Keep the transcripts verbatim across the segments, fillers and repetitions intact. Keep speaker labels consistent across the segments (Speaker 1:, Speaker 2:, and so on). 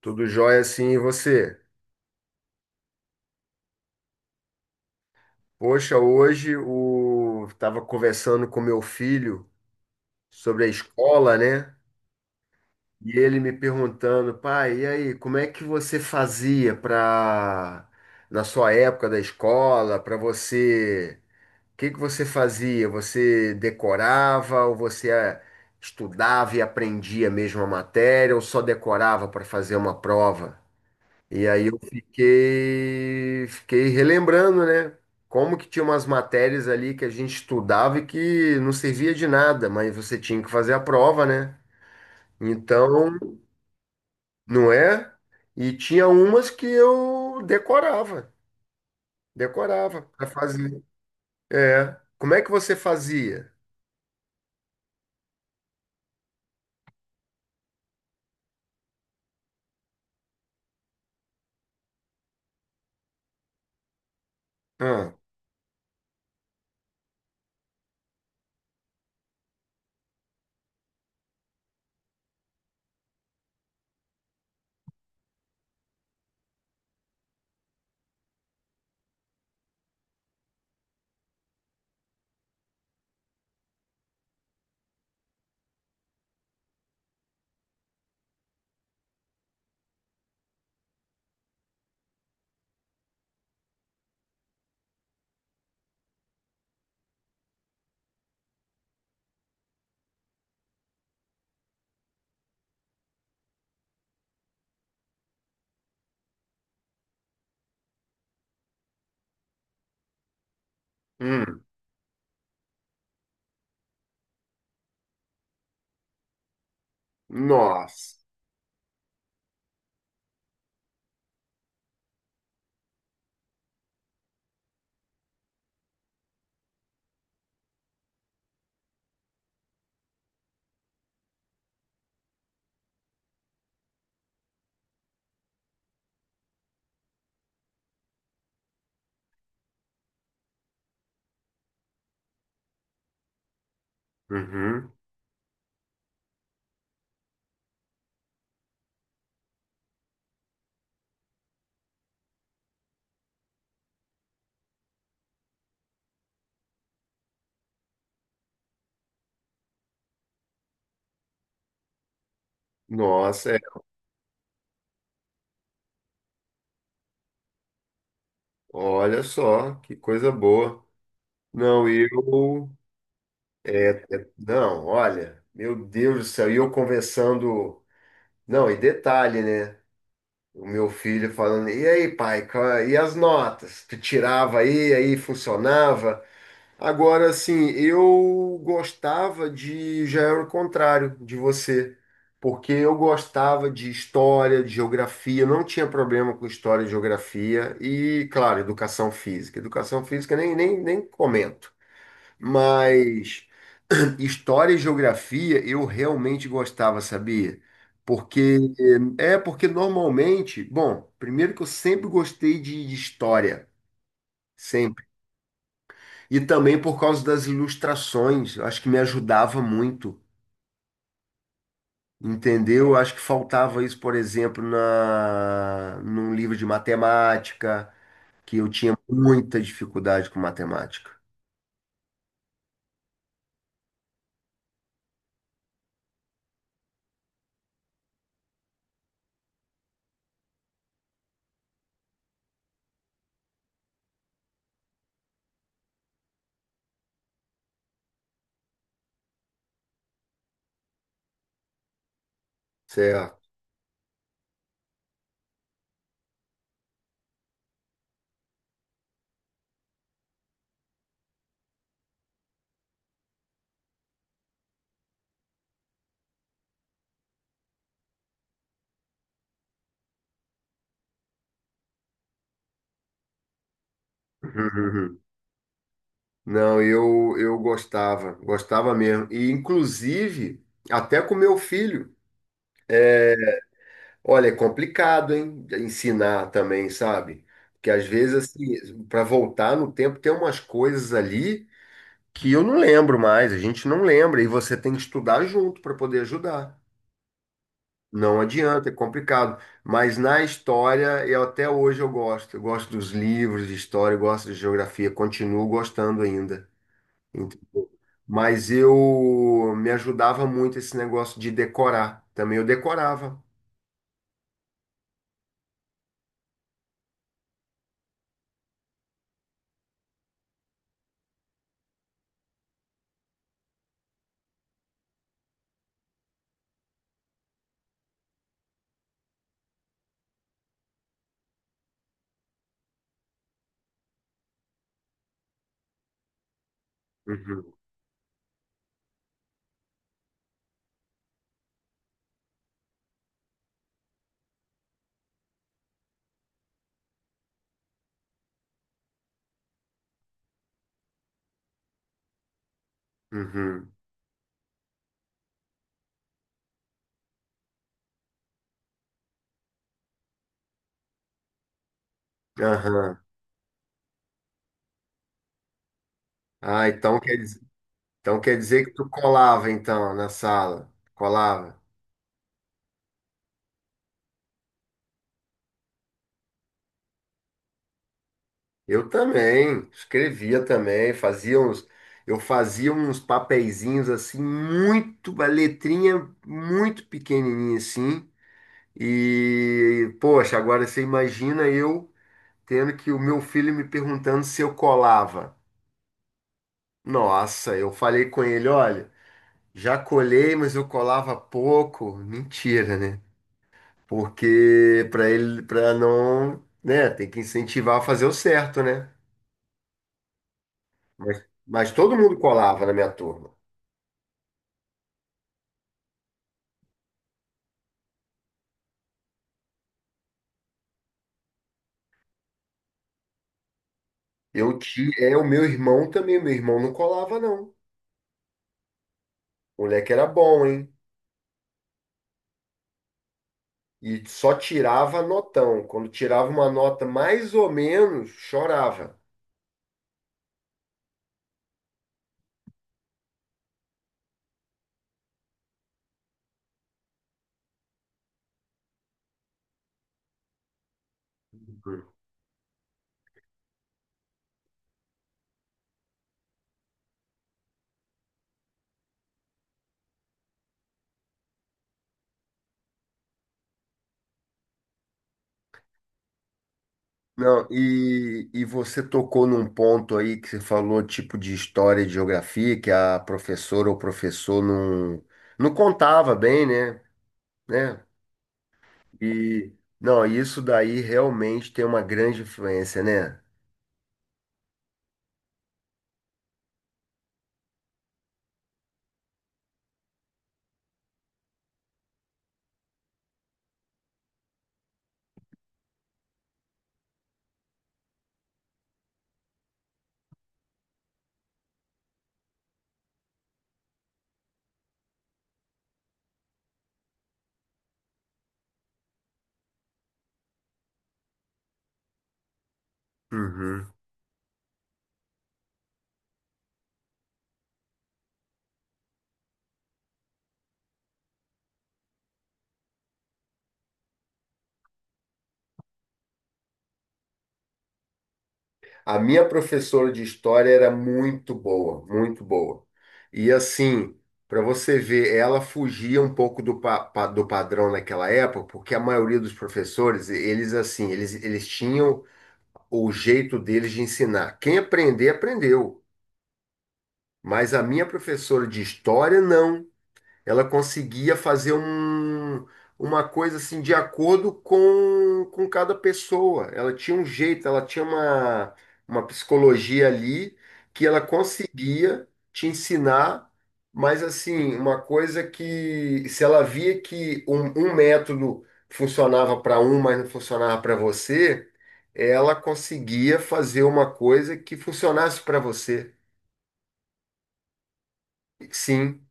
Speaker 1: Tudo jóia assim, e você? Poxa, hoje o tava conversando com meu filho sobre a escola, né? E ele me perguntando, pai, e aí, como é que você fazia para na sua época da escola, para você, o que que você fazia? Você decorava ou você eh, estudava e aprendia mesmo a matéria ou só decorava para fazer uma prova? E aí eu fiquei, fiquei relembrando, né? Como que tinha umas matérias ali que a gente estudava e que não servia de nada, mas você tinha que fazer a prova, né? Então, não é? E tinha umas que eu decorava, decorava para fazer. É. Como é que você fazia? Ah, hum, nossa. Uhum. Nossa, é. Olha só, que coisa boa. Não, eu é, é- não, olha, meu Deus do céu, e eu conversando. Não, e detalhe, né? O meu filho falando, e aí, pai, ca- e as notas? Tu tirava aí, aí funcionava. Agora, assim, eu gostava de. Já era o contrário de você, porque eu gostava de história, de geografia, não tinha problema com história e geografia, e, claro, educação física. Educação física nem, nem, nem comento. Mas. História e geografia eu realmente gostava, sabia? Porque é porque normalmente, bom, primeiro que eu sempre gostei de, de história, sempre. E também por causa das ilustrações, eu acho que me ajudava muito, entendeu? Eu acho que faltava isso, por exemplo, na num livro de matemática, que eu tinha muita dificuldade com matemática. Certo. Não, eu, eu gostava, gostava mesmo. E, inclusive, até com meu filho. Olha, é complicado, hein? Ensinar também, sabe? Porque às vezes, assim, para voltar no tempo, tem umas coisas ali que eu não lembro mais, a gente não lembra, e você tem que estudar junto para poder ajudar. Não adianta, é complicado. Mas na história, eu até hoje eu gosto. Eu gosto dos livros de história, eu gosto de geografia, continuo gostando ainda. Entendeu? Mas eu me ajudava muito esse negócio de decorar. Também eu decorava. Uhum, uhum, aham. Ah, então quer dizer, então quer dizer que tu colava então na sala. Colava. Eu também, escrevia também, fazia uns, eu fazia uns papeizinhos assim, muito, uma letrinha muito pequenininha assim. E, poxa, agora você imagina eu tendo que o meu filho me perguntando se eu colava. Nossa, eu falei com ele, olha, já colhei, mas eu colava pouco. Mentira, né? Porque para ele, para não, né, tem que incentivar a fazer o certo, né? Mas, mas todo mundo colava na minha turma. Eu tinha, é o meu irmão também, meu irmão não colava não. O moleque era bom, hein? E só tirava notão. Quando tirava uma nota mais ou menos, chorava. Não, e, e você tocou num ponto aí que você falou, tipo de história e geografia, que a professora ou professor não, não contava bem, né? Né? E, não, isso daí realmente tem uma grande influência, né? Uhum. A minha professora de história era muito boa, muito boa. E assim, para você ver, ela fugia um pouco do, pa- pa- do padrão naquela época, porque a maioria dos professores, eles assim, eles, eles tinham o jeito deles de ensinar. Quem aprender, aprendeu. Mas a minha professora de história, não. Ela conseguia fazer um, uma coisa assim de acordo com, com cada pessoa. Ela tinha um jeito, ela tinha uma, uma psicologia ali que ela conseguia te ensinar, mas assim, uma coisa que se ela via que um, um método funcionava para um, mas não funcionava para você, ela conseguia fazer uma coisa que funcionasse para você. Sim.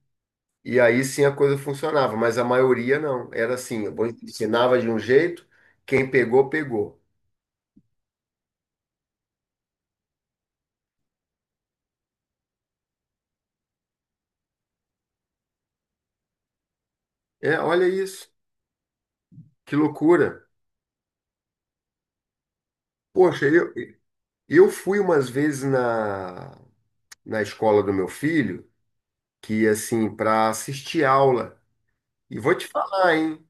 Speaker 1: E aí sim a coisa funcionava, mas a maioria não. Era assim, eu ensinava de um jeito, quem pegou, pegou. É, olha isso, que loucura. Poxa, eu, eu fui umas vezes na, na escola do meu filho, que assim, para assistir aula. E vou te falar, hein?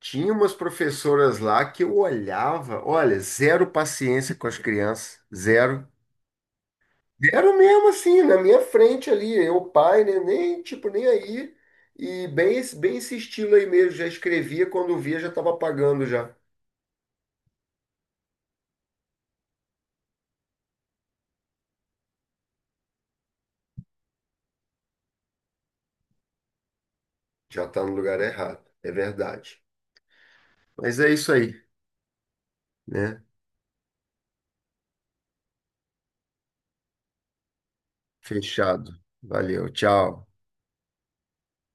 Speaker 1: Tinha umas professoras lá que eu olhava, olha, zero paciência com as crianças, zero. Deram mesmo assim, na minha frente ali, eu, pai, né? Nem, tipo, nem aí. E bem, esse- bem esse estilo aí mesmo, já escrevia, quando via já estava apagando já. Já tá no lugar errado, é verdade. Mas é isso aí, né? Fechado. Valeu, tchau.